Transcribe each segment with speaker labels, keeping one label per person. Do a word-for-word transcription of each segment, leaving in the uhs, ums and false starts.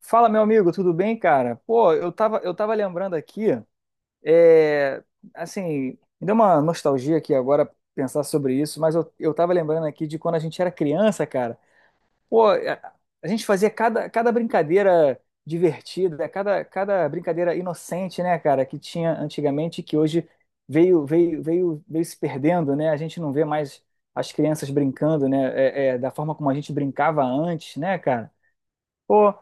Speaker 1: Fala, meu amigo, tudo bem, cara? Pô, eu tava, eu tava lembrando aqui, é, assim, me deu uma nostalgia aqui agora pensar sobre isso, mas eu, eu tava lembrando aqui de quando a gente era criança, cara. Pô, a, a gente fazia cada, cada brincadeira divertida, cada, cada brincadeira inocente, né, cara, que tinha antigamente e que hoje veio, veio, veio, veio se perdendo, né? A gente não vê mais as crianças brincando, né? É, é, da forma como a gente brincava antes, né, cara? Pô.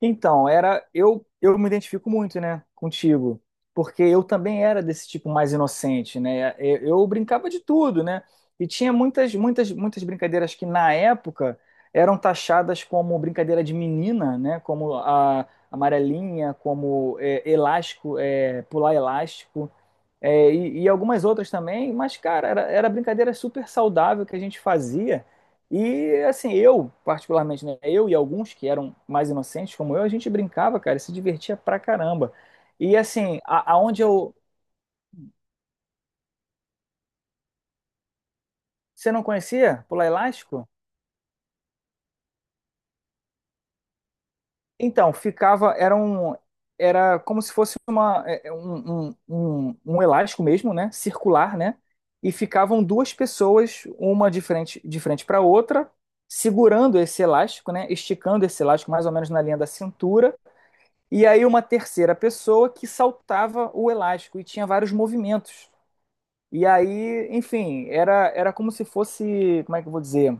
Speaker 1: Então, era eu eu me identifico muito, né, contigo, porque eu também era desse tipo mais inocente, né? Eu, eu brincava de tudo, né? E tinha muitas muitas muitas brincadeiras que na época eram taxadas como brincadeira de menina, né? Como a amarelinha, como é, elástico, é, pular elástico. É, e, e algumas outras também, mas, cara, era, era brincadeira super saudável que a gente fazia. E, assim, eu, particularmente, né, eu e alguns que eram mais inocentes como eu, a gente brincava, cara, e se divertia pra caramba. E, assim, a, aonde eu. Você não conhecia pular elástico? Então, ficava, era um, era como se fosse uma, é, é um, um, um, um elástico mesmo, né? Circular, né? E ficavam duas pessoas, uma de frente, de frente para outra, segurando esse elástico, né? Esticando esse elástico mais ou menos na linha da cintura. E aí uma terceira pessoa que saltava o elástico e tinha vários movimentos. E aí, enfim, era, era como se fosse, como é que eu vou dizer?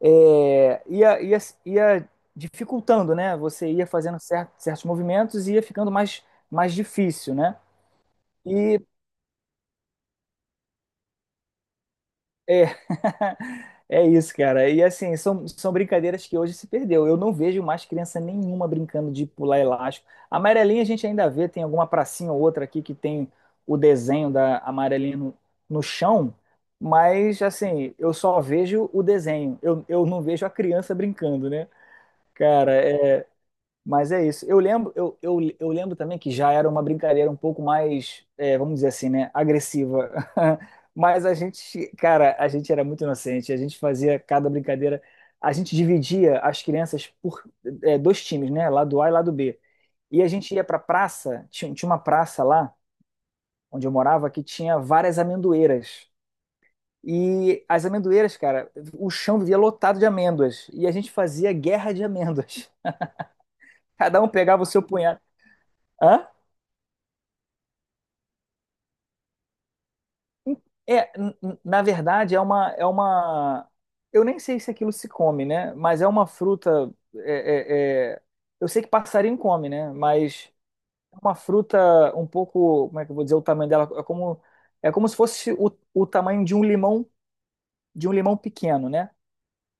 Speaker 1: é, ia, ia, ia dificultando, né? Você ia fazendo certos, certos movimentos e ia ficando mais, mais difícil, né? E é, é isso, cara. E assim, são, são brincadeiras que hoje se perdeu. Eu não vejo mais criança nenhuma brincando de pular elástico. A amarelinha a gente ainda vê, tem alguma pracinha ou outra aqui que tem o desenho da amarelinha no, no chão, mas assim, eu só vejo o desenho. Eu, eu não vejo a criança brincando, né? Cara, mas é isso. Eu lembro, eu, eu, eu lembro também que já era uma brincadeira um pouco mais, é, vamos dizer assim, né, agressiva. Mas a gente, cara, a gente era muito inocente. A gente fazia cada brincadeira. A gente dividia as crianças por, é, dois times, né? Lado A e lado B. E a gente ia pra praça. Tinha, tinha uma praça lá, onde eu morava, que tinha várias amendoeiras. E as amendoeiras, cara, o chão vivia lotado de amêndoas. E a gente fazia guerra de amêndoas. Cada um pegava o seu punhado. Hã? É, n- n- na verdade, é uma, é uma. Eu nem sei se aquilo se come, né? Mas é uma fruta. é- é- é- Eu sei que passarinho come, né? Mas é uma fruta um pouco. Como é que eu vou dizer o tamanho dela? É como, é como se fosse o, o tamanho de um limão, de um limão pequeno, né?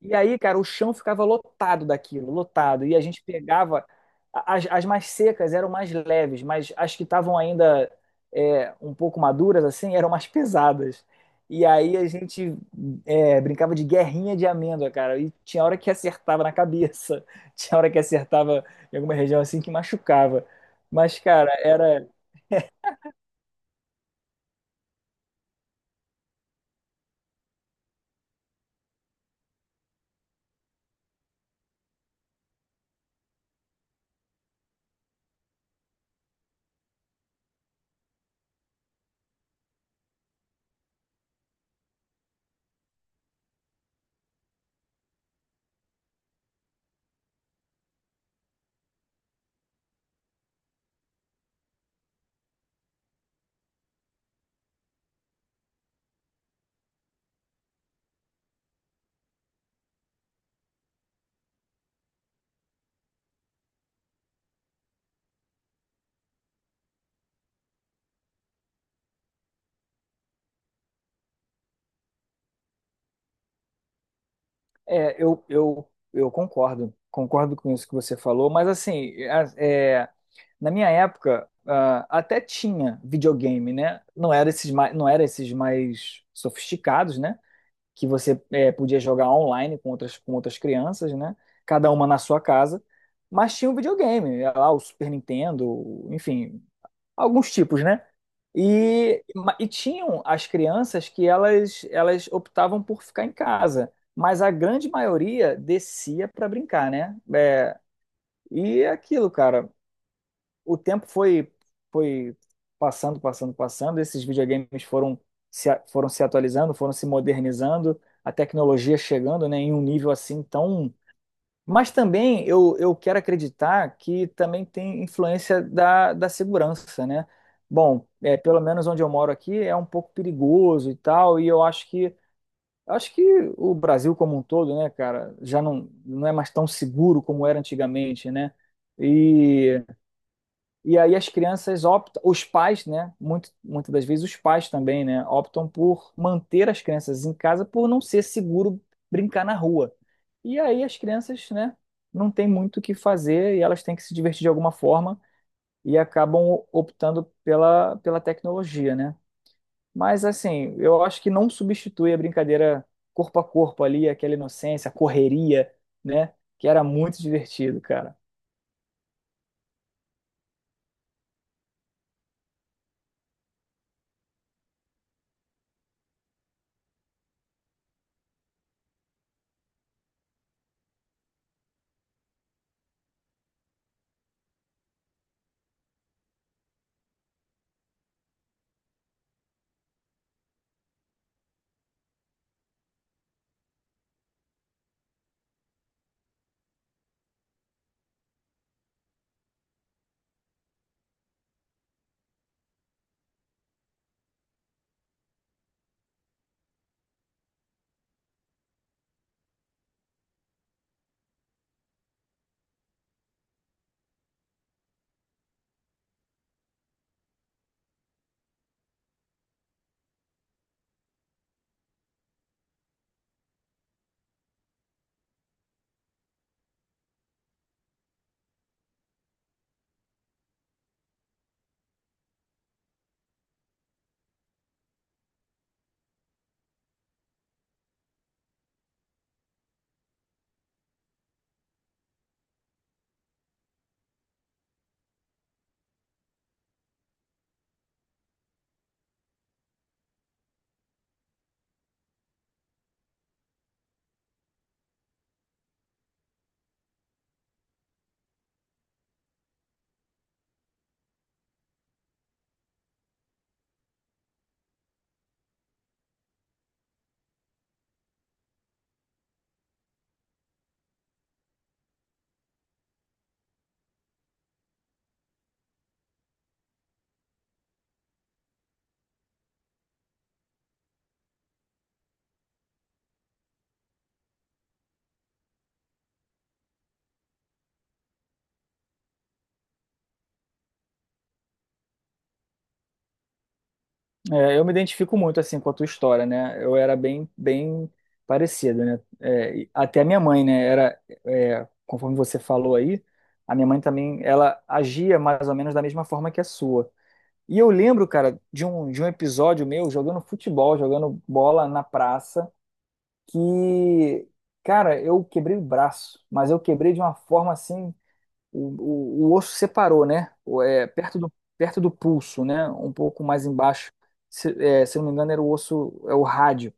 Speaker 1: E aí, cara, o chão ficava lotado daquilo, lotado. E a gente pegava. a- As, as mais secas eram mais leves, mas as que estavam ainda é, um pouco maduras, assim, eram mais pesadas. E aí a gente é, brincava de guerrinha de amêndoa, cara. E tinha hora que acertava na cabeça, tinha hora que acertava em alguma região assim que machucava. Mas, cara, era. É, eu, eu, eu concordo, concordo com isso que você falou, mas assim, na minha época, ah, até tinha videogame, né? Não era esses mais, não era esses mais sofisticados, né? Que você eh, podia jogar online com outras, com outras crianças, né? Cada uma na sua casa. Mas tinha um videogame, era lá o Super Nintendo, enfim, alguns tipos, né? E, e tinham as crianças que elas, elas optavam por ficar em casa, mas a grande maioria descia para brincar, né? É, e é aquilo, cara, o tempo foi foi passando, passando, passando. Esses videogames foram se, a- foram se atualizando, foram se modernizando, a tecnologia chegando, né, em um nível assim tão. Mas também eu, eu quero acreditar que também tem influência da, da segurança, né? Bom, é, pelo menos onde eu moro aqui é um pouco perigoso e tal, e eu acho que eu acho que o Brasil como um todo, né, cara, já não, não é mais tão seguro como era antigamente, né? E e aí as crianças optam, os pais, né? Muito, muitas das vezes os pais também, né? Optam por manter as crianças em casa por não ser seguro brincar na rua. E aí as crianças, né? Não tem muito o que fazer e elas têm que se divertir de alguma forma e acabam optando pela, pela tecnologia, né? Mas assim, eu acho que não substitui a brincadeira corpo a corpo ali, aquela inocência, a correria, né? Que era muito divertido, cara. É, eu me identifico muito assim com a tua história, né? Eu era bem, bem parecido, né? É, e até a minha mãe, né? Era, é, conforme você falou aí, a minha mãe também, ela agia mais ou menos da mesma forma que a sua. E eu lembro, cara, de um, de um episódio meu jogando futebol, jogando bola na praça, que, cara, eu quebrei o braço, mas eu quebrei de uma forma assim o, o, o osso separou, né? O- É, perto do, perto do pulso, né? Um pouco mais embaixo. Se, é, se eu não me engano, era o osso, é o rádio.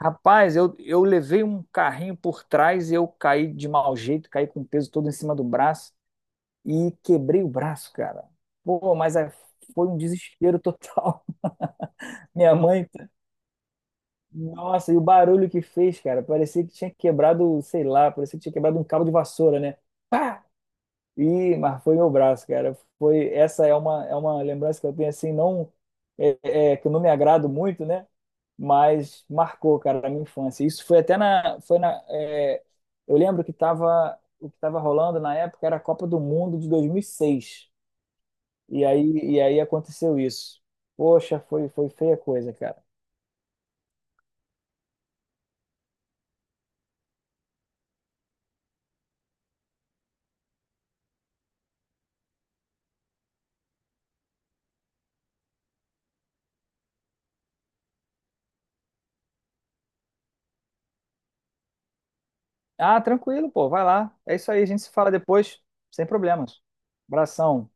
Speaker 1: Rapaz, eu, eu levei um carrinho por trás e eu caí de mau jeito, caí com o peso todo em cima do braço e quebrei o braço, cara. Pô, mas é- foi um desespero total. Minha mãe, nossa, e o barulho que fez, cara, parecia que tinha quebrado, sei lá, parecia que tinha quebrado um cabo de vassoura, né? Pá! E, mas foi meu braço, cara. Foi, essa é uma, é uma lembrança que eu tenho, assim, não, é, é, que eu não me agrado muito, né? Mas marcou, cara, a minha infância. Isso foi até na, foi na, é, eu lembro que tava, o que estava rolando na época era a Copa do Mundo de dois mil e seis. E seis. E aí, e aí aconteceu isso. Poxa, foi, foi feia a coisa, cara. Ah, tranquilo, pô, vai lá. É isso aí, a gente se fala depois, sem problemas. Abração.